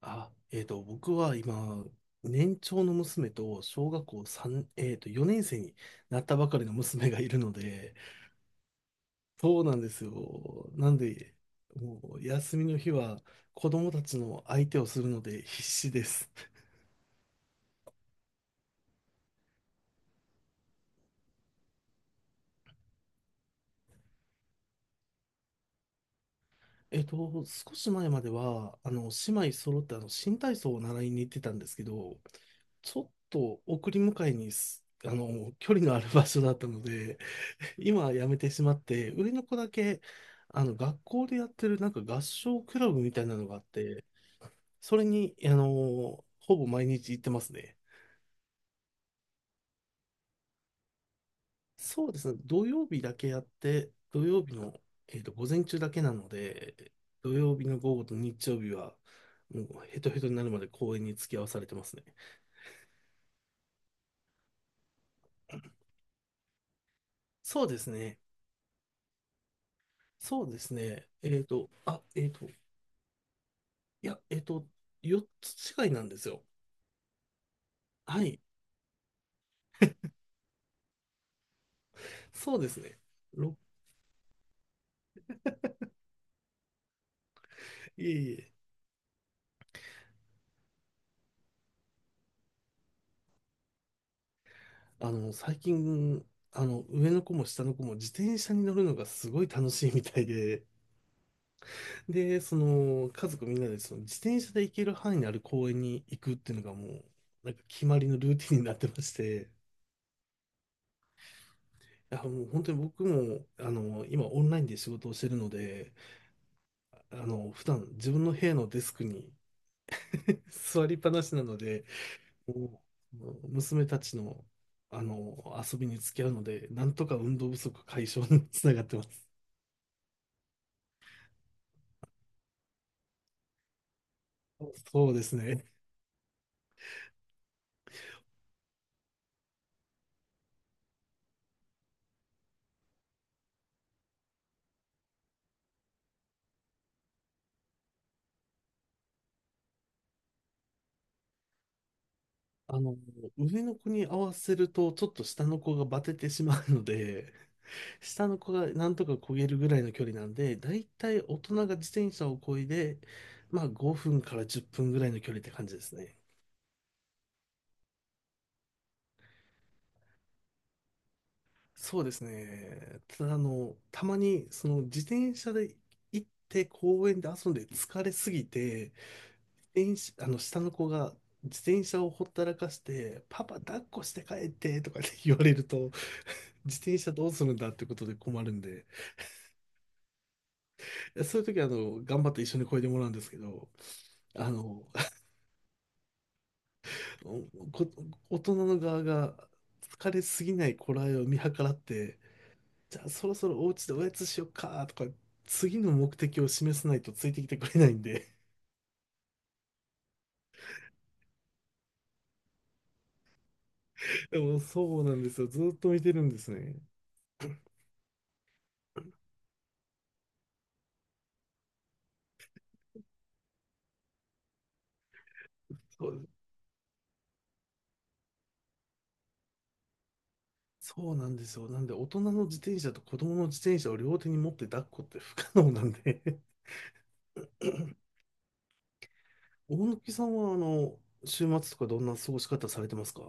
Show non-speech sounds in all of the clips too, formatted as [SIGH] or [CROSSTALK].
あ、僕は今、年長の娘と小学校3、えっと、4年生になったばかりの娘がいるので。そうなんですよ。なんで、もう休みの日は子供たちの相手をするので必死です。[LAUGHS] 少し前までは、姉妹揃って新体操を習いに行ってたんですけど、ちょっと送り迎えにす、あの、距離のある場所だったので、今辞めてしまって、上の子だけ、学校でやってるなんか合唱クラブみたいなのがあって、それに、ほぼ毎日行ってますね。そうですね、土曜日だけやって、土曜日の、午前中だけなので、土曜日の午後と日曜日は、もうヘトヘトになるまで公園に付き合わされてますね。そうですね、そうですね、あ、いや、4つ違いなんですよ。はい、そうですね。ろいえいえ。最近、上の子も下の子も自転車に乗るのがすごい楽しいみたいで、で、家族みんなでその自転車で行ける範囲のある公園に行くっていうのがもう、なんか決まりのルーティンになってまして、いや、もう本当に僕も、今オンラインで仕事をしてるので、普段自分の部屋のデスクに [LAUGHS] 座りっぱなしなので、もう娘たちの、遊びに付き合うので、なんとか運動不足解消につながってます。そうですね。あの、上の子に合わせると、ちょっと下の子がバテてしまうので、[LAUGHS] 下の子がなんとか漕げるぐらいの距離なんで、だいたい大人が自転車を漕いで、まあ5分から10分ぐらいの距離って感じですね。そうですね。ただ、たまに、その自転車で行って公園で遊んで疲れすぎて、自転車、あの、下の子が自転車をほったらかして、パパ抱っこして帰ってとかって言われると、自転車どうするんだってことで困るんで、そういう時は頑張って一緒に漕いでもらうんですけど、あの、[LAUGHS] こ大人の側が疲れすぎない頃合いを見計らって、じゃあそろそろお家でおやつしよっかとか、次の目的を示さないとついてきてくれないんで。[LAUGHS] でもそうなんですよ。ずっと見てるんですね。そう、そうなんですよ。なんで大人の自転車と子供の自転車を両手に持って抱っこって不可能なんで。 [LAUGHS] 大貫さんは、週末とかどんな過ごし方されてますか？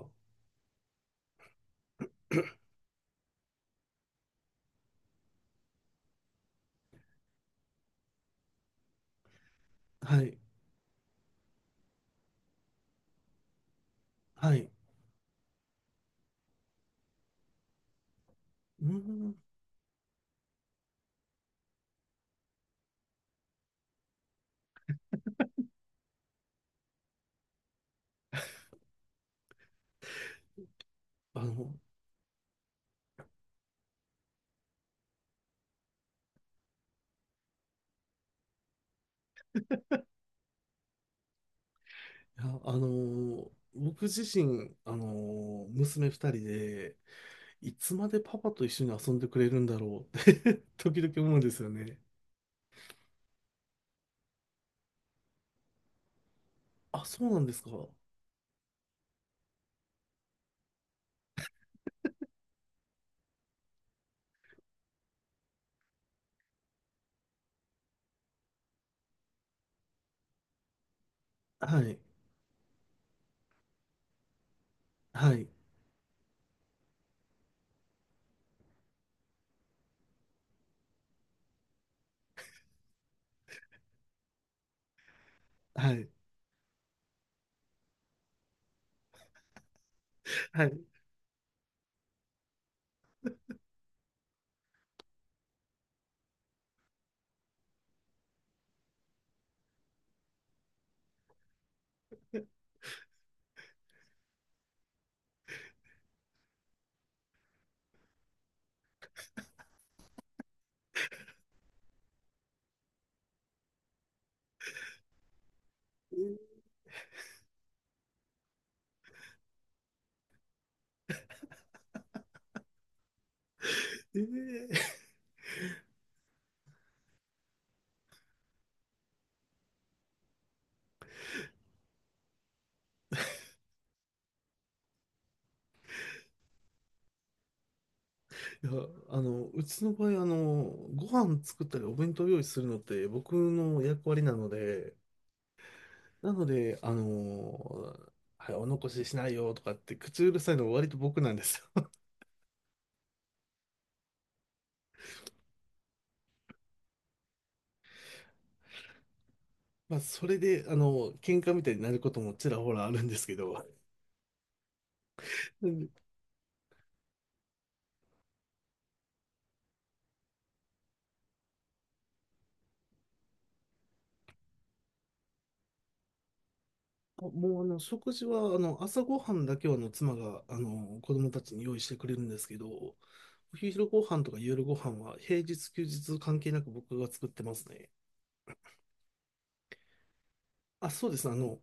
はい。はい。うーん。あの、いや、僕自身、娘二人で、いつまでパパと一緒に遊んでくれるんだろうって [LAUGHS] 時々思うんですよね。あ、そうなんですか。はい。はい。はい。はい。ええ、いや、うちの場合、ご飯作ったりお弁当用意するのって僕の役割なので、なので、はい、お残ししないよとかって口うるさいのは割と僕なんですよ。[LAUGHS] まあ、それで、喧嘩みたいになることもちらほらあるんですけど。うん。もう、食事は、朝ごはんだけは、妻が、子供たちに用意してくれるんですけど、お昼ご飯とか夜ご飯は、平日、休日関係なく僕が作ってますね。あ、そうです。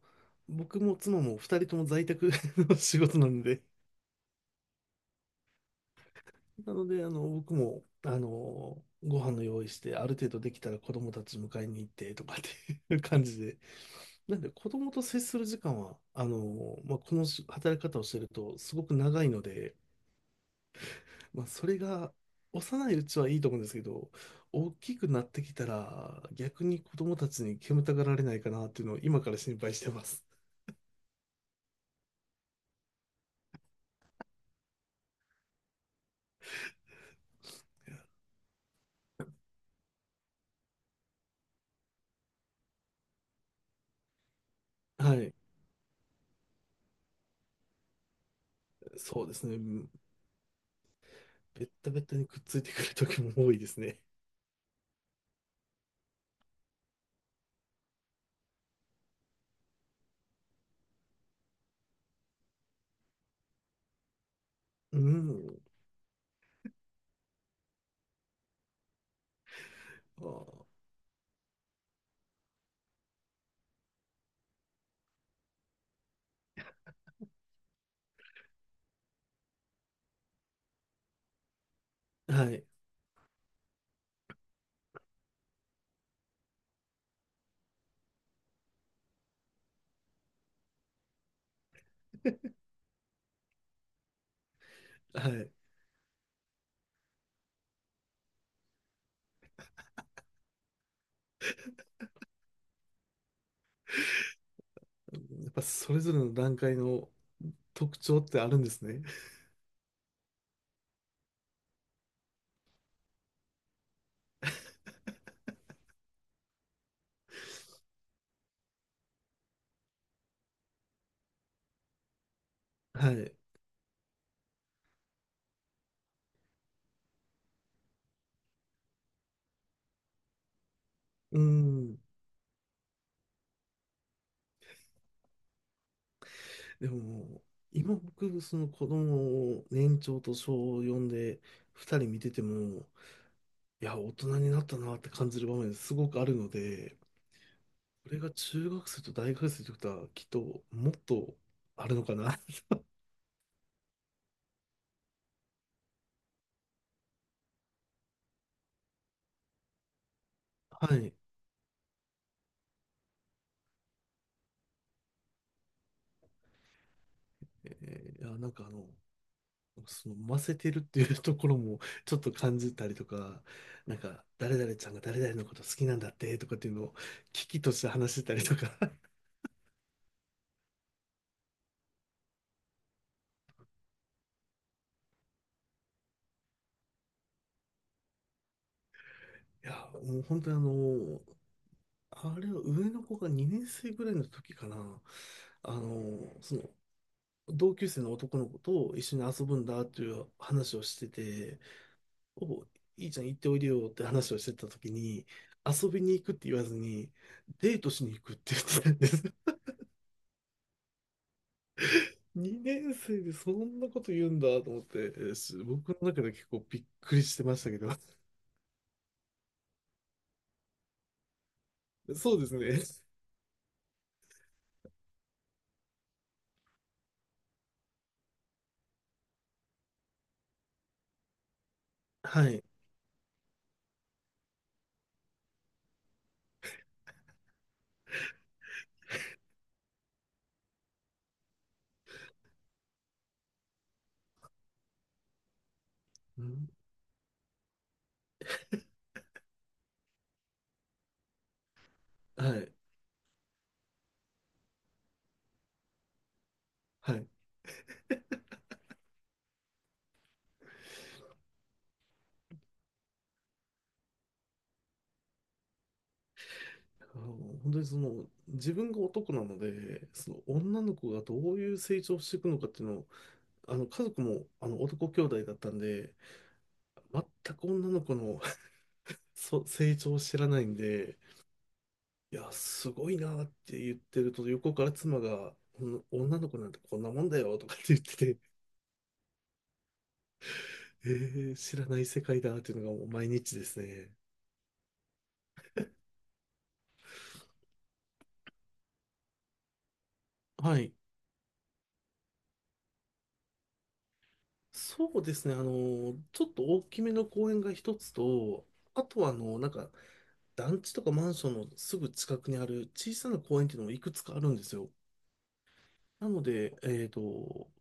僕も妻も二人とも在宅の [LAUGHS] 仕事なので、なので、僕も、ご飯の用意して、ある程度できたら子供たち迎えに行ってとかっていう感じで、なんで子供と接する時間は、まあ、この働き方をしてるとすごく長いので、まあ、それが幼いうちはいいと思うんですけど、大きくなってきたら逆に子供たちに煙たがられないかなっていうのを今から心配してます。はい、そうですね。ベッタベタにくっついてくる時も多いですね。うん。あー、はい。はい。やっぱそれぞれの段階の特徴ってあるんですね。はい。うん。でも、今僕、その子供を年長と小よんで二人見てても、いや、大人になったなって感じる場面すごくあるので、これが中学生と大学生ということは、きっともっとあるのかな。[LAUGHS] はい。いや、なんかそのませてるっていう [LAUGHS] ところもちょっと感じたりとか、なんか誰々ちゃんが誰々のこと好きなんだってとかっていうのを危機として話してたりとか、[LAUGHS] いや、もう本当にあれは上の子が2年生ぐらいの時かな、その同級生の男の子と一緒に遊ぶんだっていう話をしてて、お、いいちゃん行っておいでよって話をしてた時に、遊びに行くって言わずに、デートしに行くって言ってたんです。2年生でそんなこと言うんだと思って、えーし僕の中で結構びっくりしてましたけど。[LAUGHS] そうですね。はい。うん、はい。はい。あの、本当に自分が男なので、その女の子がどういう成長をしていくのかっていうのを、家族も男兄弟だったんで、全く女の子の [LAUGHS] 成長を知らないんで、いや、すごいなって言ってると、横から妻が、この女の子なんてこんなもんだよとかって言って知らない世界だっていうのがもう毎日ですね。はい。そうですね。ちょっと大きめの公園が一つと、あとはなんか、団地とかマンションのすぐ近くにある小さな公園っていうのもいくつかあるんですよ。なので、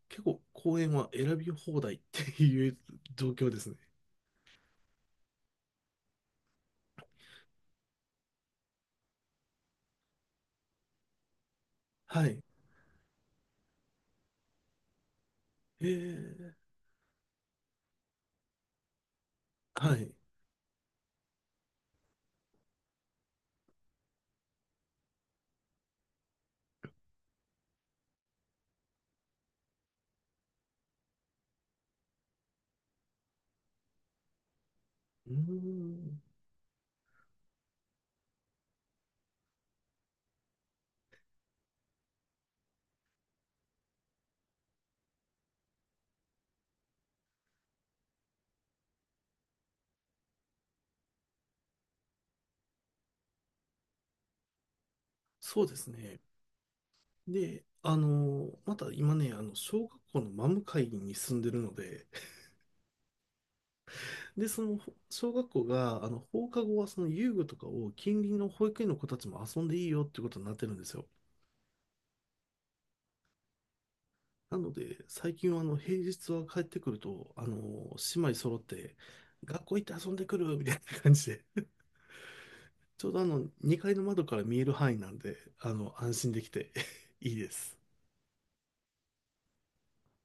結構公園は選び放題っていう状況ですね。はい。えー、はい。うーん、そうですね。で、また今ね、小学校の真向かいに住んでるので、で、その小学校が、放課後はその遊具とかを近隣の保育園の子たちも遊んでいいよってことになってるんですよ。なので、最近は平日は帰ってくると、姉妹揃って、学校行って遊んでくるみたいな感じで、[LAUGHS] ちょうど2階の窓から見える範囲なんで、安心できて [LAUGHS] いいです。